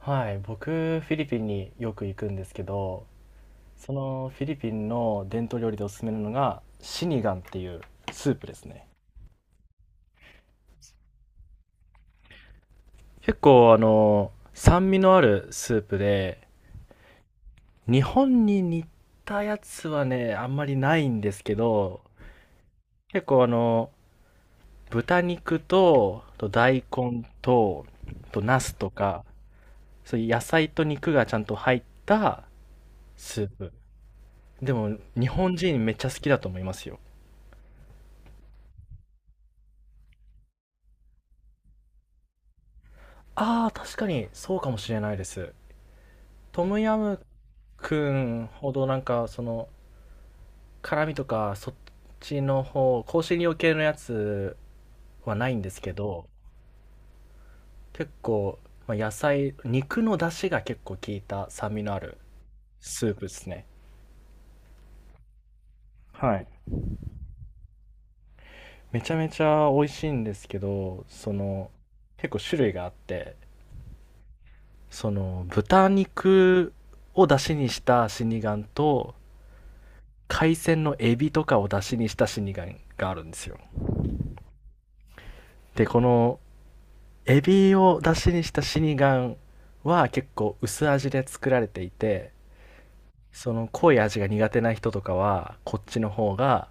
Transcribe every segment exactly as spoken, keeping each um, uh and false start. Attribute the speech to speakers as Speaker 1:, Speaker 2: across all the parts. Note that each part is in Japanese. Speaker 1: はい、僕、フィリピンによく行くんですけど、そのフィリピンの伝統料理でおすすめなのが、シニガンっていうスープですね。結構、あの、酸味のあるスープで、日本に似たやつはね、あんまりないんですけど、結構あの、豚肉と、と大根と、とナスとか、そういう野菜と肉がちゃんと入ったスープ。でも、日本人めっちゃ好きだと思いますよ。ああ、確かにそうかもしれないです。トムヤムくんほどなんかその辛味とかそっちの方、香辛料系のやつはないんですけど、結構、まあ、野菜、肉の出汁が結構効いた酸味のあるスープですね。はい。めちゃめちゃ美味しいんですけど、その結構種類があって、その豚肉を出汁にした死神と海鮮のエビとかを出汁にした死神があるんですよ。で、このエビを出汁にしたシニガンは結構薄味で作られていて、その濃い味が苦手な人とかは、こっちの方が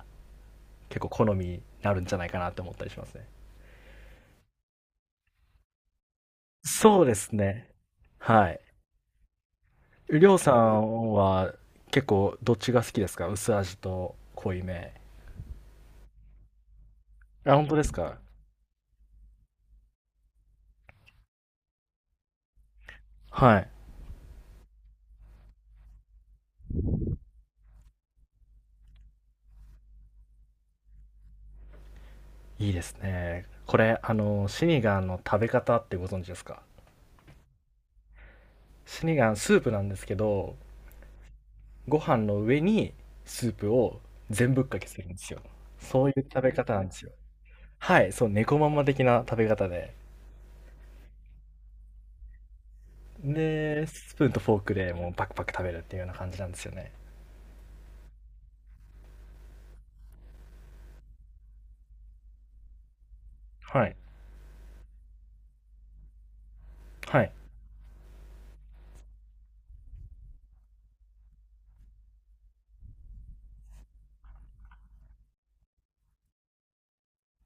Speaker 1: 結構好みになるんじゃないかなって思ったりしますね。そうですね。はい。りょうさんは結構どっちが好きですか、薄味と濃いめ。あ、本当ですか？はい。いいですね。これ、あの、シニガンの食べ方ってご存知ですか？シニガンスープなんですけど、ご飯の上にスープを全ぶっかけするんですよ。そういう食べ方なんですよ。はい、そう、猫まんま的な食べ方で。で、スプーンとフォークでもうパクパク食べるっていうような感じなんですよね。はい。はい。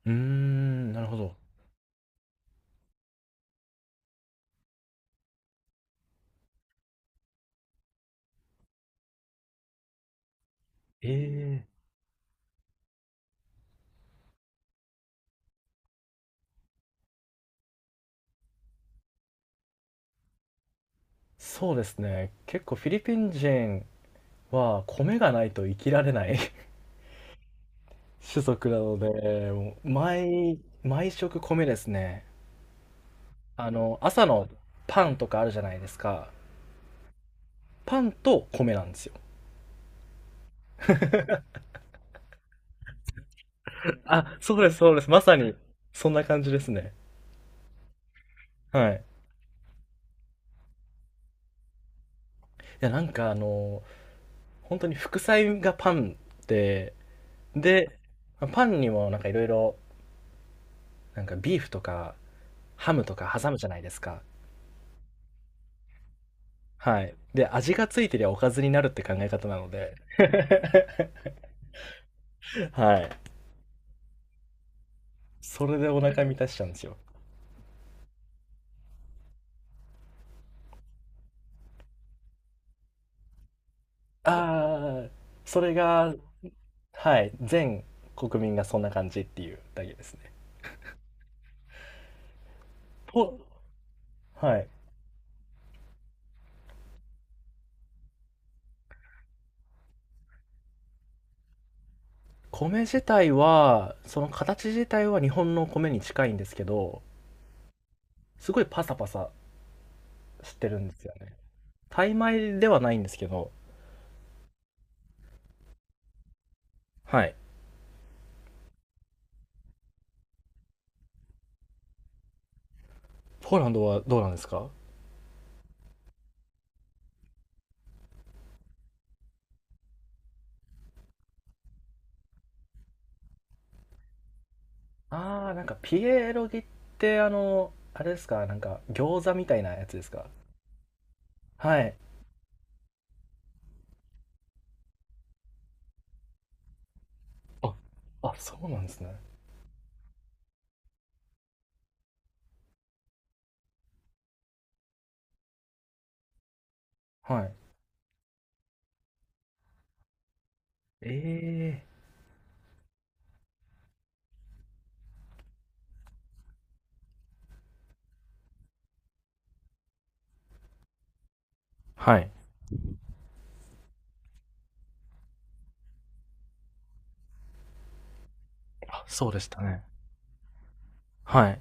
Speaker 1: うーん、なるほど。ええ、そうですね。結構フィリピン人は米がないと生きられない 種族なので、もう毎、毎食米ですね。あの、朝のパンとかあるじゃないですか。パンと米なんですよ。あ、そうです、そうです。まさに、そんな感じですね。はい。いや、なんかあの、本当に副菜がパンで、で、パンにもなんかいろいろ、なんかビーフとかハムとか挟むじゃないですか。はい。で、味がついてりゃおかずになるって考え方なので、はい。それでお腹満たしちゃうんですよ。ああ、それが、はい、全国民がそんな感じっていうだけですね。と、はい。米自体はその形自体は日本の米に近いんですけど、すごいパサパサしてるんですよね。タイ米ではないんですけど、はい。ポーランドはどうなんですか？あー、なんかピエロギってあのあれですか、なんか餃子みたいなやつですか？はい。ああ、そうなんですね。はい。ええー。はい。あ、そうでしたね。はい。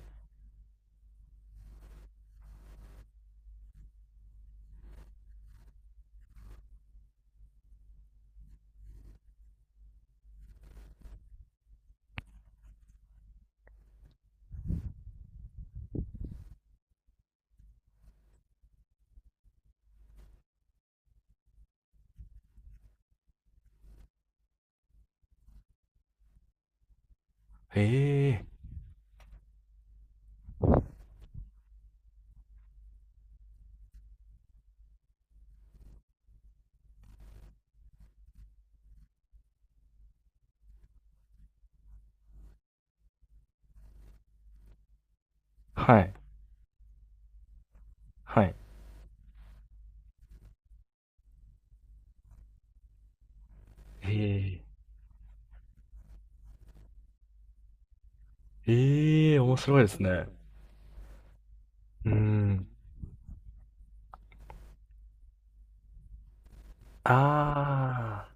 Speaker 1: ええー。はい。はい。ええー。ええー、面白いですね。うーん、あ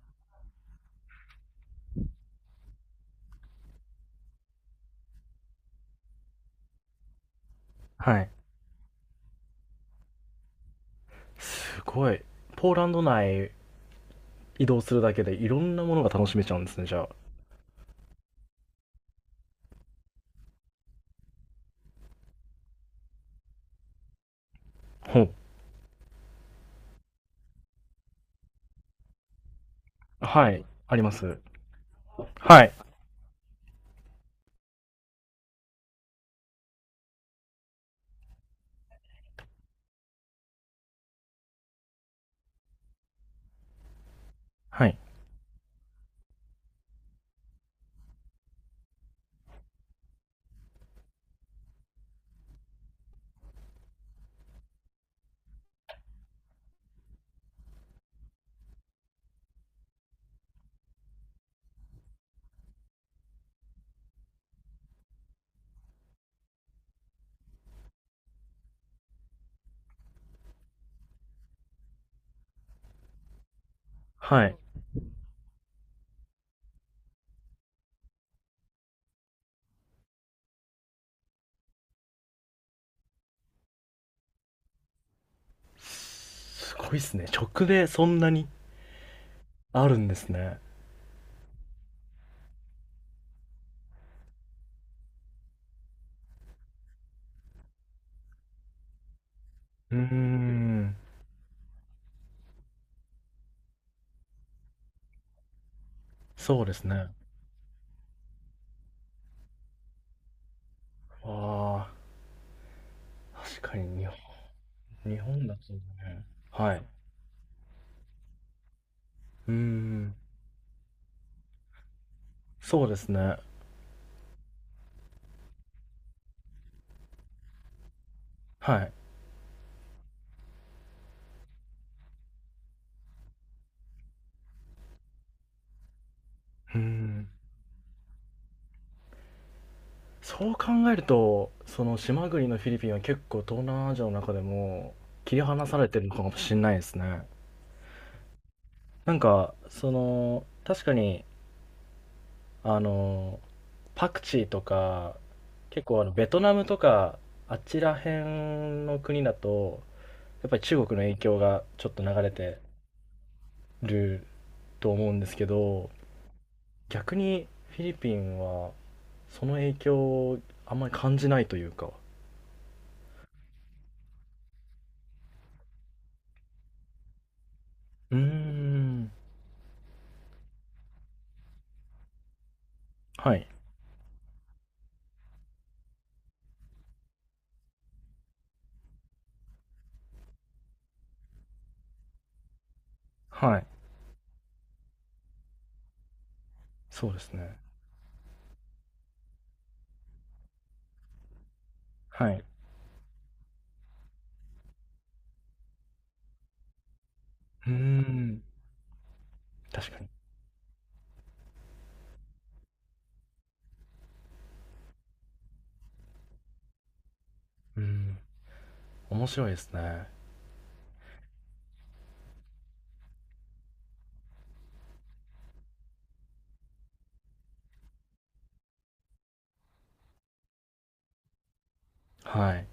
Speaker 1: あ、はい。すごい。ポーランド内移動するだけでいろんなものが楽しめちゃうんですね、じゃあ。ほう。はい、あります。はい、はい、はい。すごいっすね。直でそんなにあるんですね。うーん。そうですね。ああ、確かに日本日本だとね。はい。うーん。そうですね。はい。うーん。そう考えると、その島国のフィリピンは結構東南アジアの中でも切り離されてるのかもしんないですね。なんか、その、確かに、あの、パクチーとか、結構あの、ベトナムとか、あちら辺の国だと、やっぱり中国の影響がちょっと流れてると思うんですけど、逆にフィリピンはその影響をあんまり感じないというか。うーん。はい。はい。そうですね。はい。うーん、確かに。うーん、面白いですね。はい。